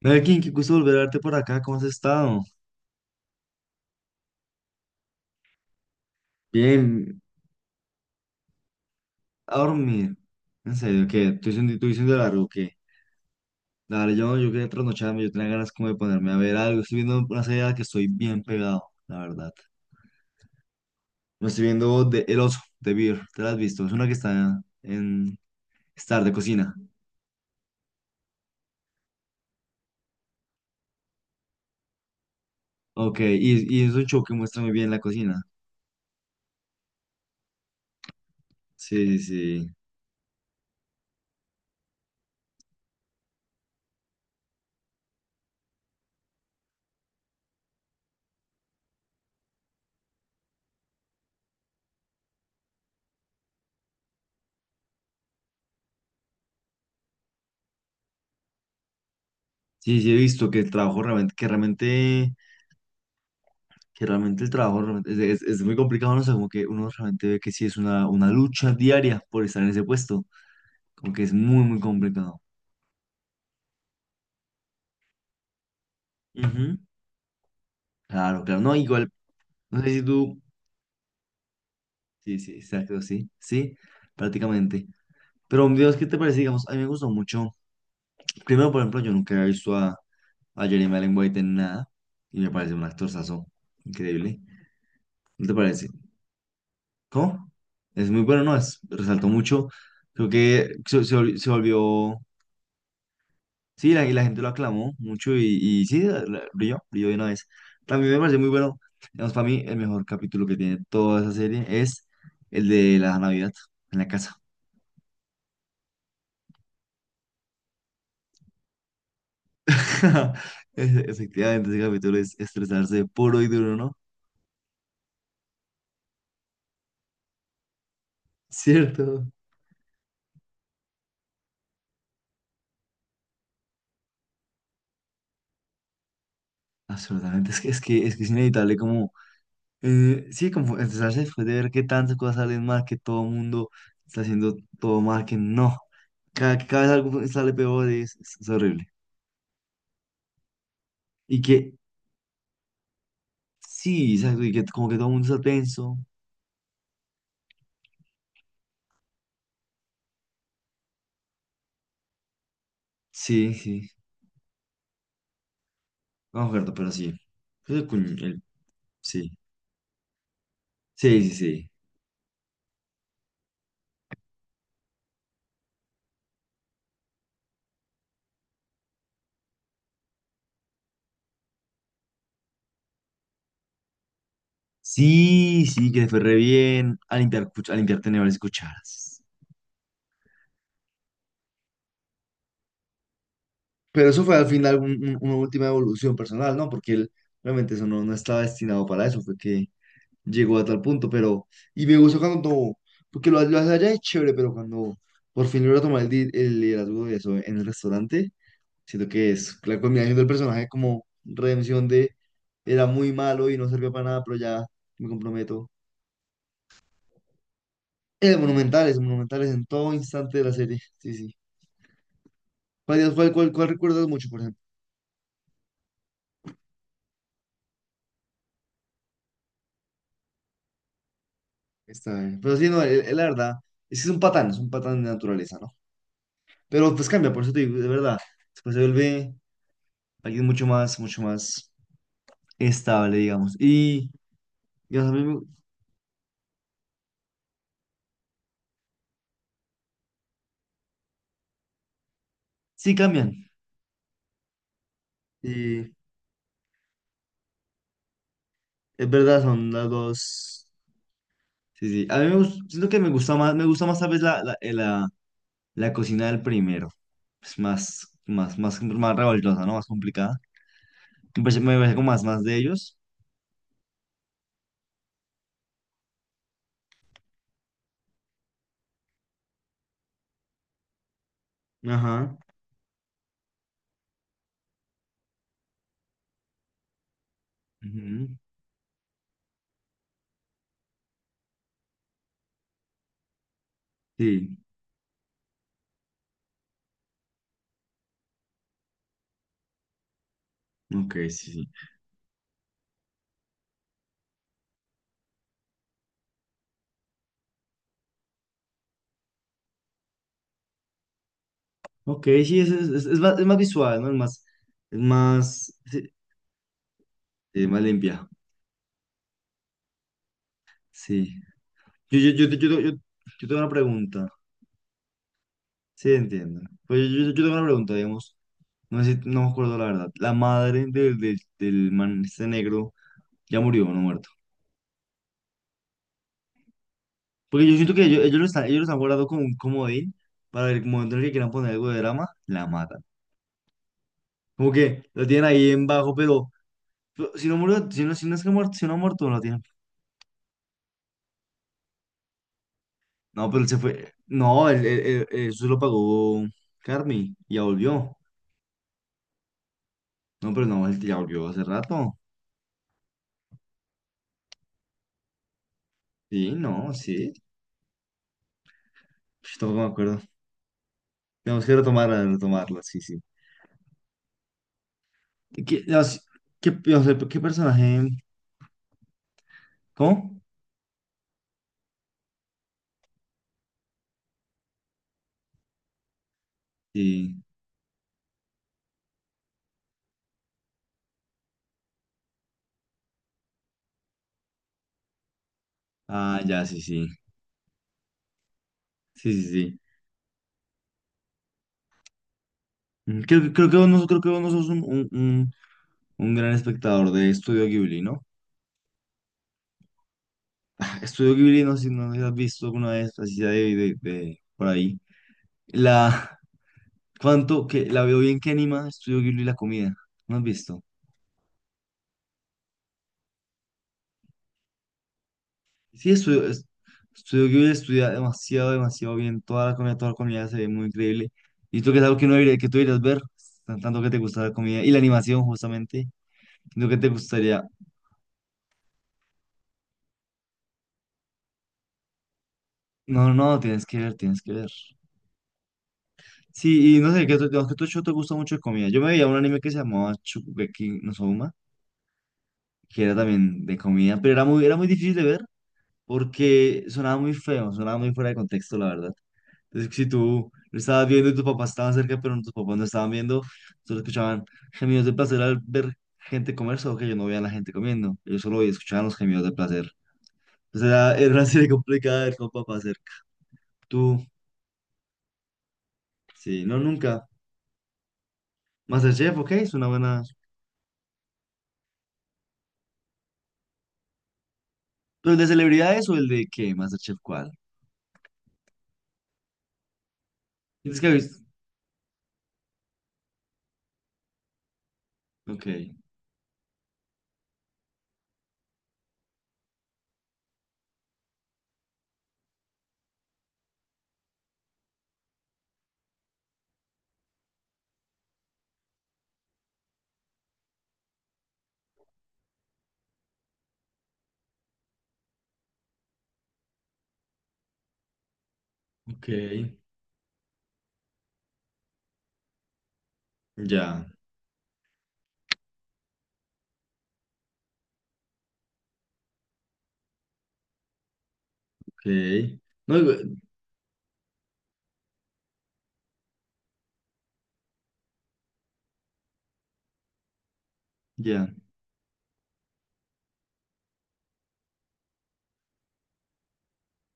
Melkin, qué gusto volver a verte por acá, ¿cómo has estado? Bien, a dormir. En serio, ¿qué? ¿Tú diciendo, largo, ¿qué? Dale, yo quería trasnocharme, yo tenía ganas como de ponerme a ver algo. Estoy viendo una serie a la que estoy bien pegado, la verdad. Me estoy viendo de El Oso, de Beer, ¿te la has visto? Es una que está en Star de cocina. Ok, y es un show que muestra muy bien la cocina. Sí, sí, sí. Sí, sí, he visto que el trabajo realmente, que realmente el trabajo realmente es muy complicado, ¿no? O sea, como que uno realmente ve que sí es una lucha diaria por estar en ese puesto, como que es muy, muy complicado. Ujú. Claro, claro, no, igual, no sé si tú, sí, sí, exacto, sí, sí, prácticamente. Pero, Dios, ¿qué te parece? Digamos, a mí me gustó mucho. Primero, por ejemplo, yo nunca había visto a Jeremy Allen White en nada y me parece un actorzazo increíble. ¿No te parece? ¿Cómo? Es muy bueno, ¿no? Es, resaltó mucho. Creo que se vol- Se volvió. Sí, la, y la gente lo aclamó mucho y sí, brilló, brilló de una vez. También me parece muy bueno, digamos, para mí el mejor capítulo que tiene toda esa serie es el de la Navidad en la casa. Efectivamente, ese capítulo es estresarse puro y duro, ¿no? Cierto. Absolutamente, es que es inevitable como, sí, como estresarse después de ver que tantas cosas salen mal, que todo el mundo está haciendo todo mal, que no, cada vez algo sale peor, es horrible. Y que sí, exacto, y que como que todo el mundo está tenso. Sí, sí. No me acuerdo, pero sí. Creo que sí. Sí, sí, sí. Sí, sí, que le fue re bien a limpiar, a limpiar tenedores y cucharas. Pero eso fue al final una última evolución personal, ¿no? Porque él realmente eso no estaba destinado para eso, fue que llegó a tal punto, pero... Y me gustó cuando... Porque lo hace allá es chévere, pero cuando por fin logra tomar el liderazgo de eso en el restaurante, siento que es la combinación del personaje como redención de era muy malo y no sirvió para nada, pero ya me comprometo. Monumentales, monumentales en todo instante de la serie. Sí, sí. ¿Cuál recuerdas mucho, por ejemplo? Está bien. Pero sí, no, él, la verdad, es que es un patán de naturaleza, ¿no? Pero pues cambia, por eso te digo, de verdad. Después se vuelve alguien mucho más estable, digamos. Digamos, a mí me- sí cambian. Y es verdad, son las dos. Sí, sí. A mí me gusta, siento que me gusta más tal vez la, la cocina del primero. Es más revoltosa, ¿no? Más complicada. Me parece como más, más de ellos. Ajá. Ujú. Sí, ok, sí, sí. Ok, sí, es más visual, ¿no? Sí, sí, más limpia. Sí. Yo, yo, yo, yo, yo, yo- yo tengo una pregunta. Sí, entiendo. Pues yo tengo una pregunta, digamos. No sé si- no me acuerdo la verdad. La madre del man este negro ya murió, ¿no muerto? Porque yo siento que ellos, lo están, ellos los han guardado como un comodín para el momento en el que quieran poner algo de drama, la matan. Como que lo tienen ahí en bajo, pero si no murió, si no, si no es que muerto, si no ha muerto, no lo tienen. No, pero él se fue. No, eso lo pagó Carmi, ya volvió. No, pero no, él ya volvió hace rato. Sí, no, sí. Yo tampoco me acuerdo. Tenemos que retomarla, retomarla, sí, sí. ¿Qué, no, sí, qué, no sé, qué personaje? ¿Cómo? Sí. Ah, ya, sí, sí. Sí, sí, sí. Mm, creo, creo que vos no, creo que vos no sos un gran espectador de Estudio Ghibli, ¿no? Estudio Ghibli, no sé si has visto alguna vez, así sea de, por ahí. La, ¿cuánto que la veo bien que anima Estudio Ghibli la comida? ¿No has visto? Sí, Estudio Ghibli estudia demasiado, demasiado bien. Toda la comida se ve muy increíble. Y tú que es algo que no debería- que tú deberías ver, tanto que te gusta la comida y la animación justamente, lo que te gustaría. No, no, tienes que ver, tienes que ver. Sí, y no sé, digamos que tú Cho, te gusta mucho de comida. Yo me veía un anime que se llamaba Shokugeki no Soma, que era también de comida, pero era muy difícil de ver porque sonaba muy feo, sonaba muy fuera de contexto, la verdad. Entonces, si tú lo estabas viendo y tus papás estaban cerca, pero tus papás no estaban viendo, solo escuchaban gemidos de placer al ver gente comer, solo que yo no veía a la gente comiendo. Ellos solo escuchaban los gemidos de placer. Entonces, era una serie complicada de ver con papá cerca. Tú, sí, no, nunca. MasterChef, ok, es una buena. ¿Pero el de celebridades o el de qué? ¿Masterchef cuál? Tienes que haber visto. Ok, ok, ya, ok. No, digo, ya,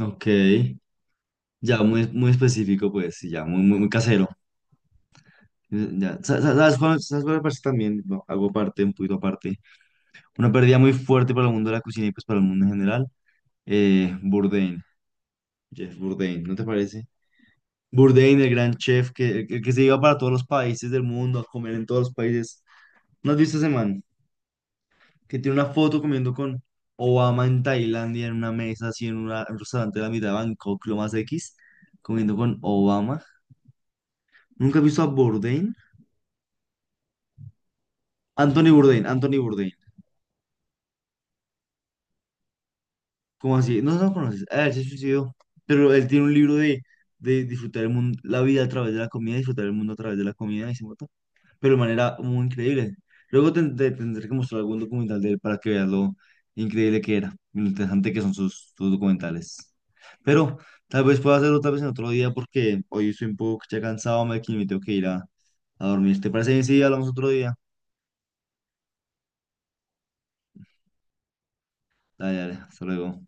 ok. Ya, muy, muy específico, pues, sí, ya, muy, muy, muy casero. Ya, sabes cuál me parece también? Bueno, hago parte, un poquito aparte. Una pérdida muy fuerte para el mundo de la cocina y pues para el mundo en general. Bourdain, Jeff Bourdain, ¿no te parece? Bourdain, el gran chef que, el que se iba para todos los países del mundo a comer en todos los países. ¿No has visto ese man? Que tiene una foto comiendo con Obama en Tailandia en una mesa, así en en un restaurante de la mitad de Bangkok, lo más X, comiendo con Obama. ¿Nunca he visto a Bourdain? Anthony Bourdain, Anthony Bourdain. ¿Cómo así? No, no lo conoces. Ah, él se suicidó. Pero él tiene un libro de disfrutar el mundo, la vida a través de la comida, disfrutar el mundo a través de la comida y se mató, pero de manera muy increíble. Luego te tendré que mostrar algún documental de él para que veas lo increíble que era y lo interesante que son sus, sus documentales. Pero tal vez pueda hacerlo tal vez en otro día porque hoy estoy un poco ya cansado, me tengo que ir a dormir. ¿Te parece bien si hablamos otro día? Dale, dale, hasta luego.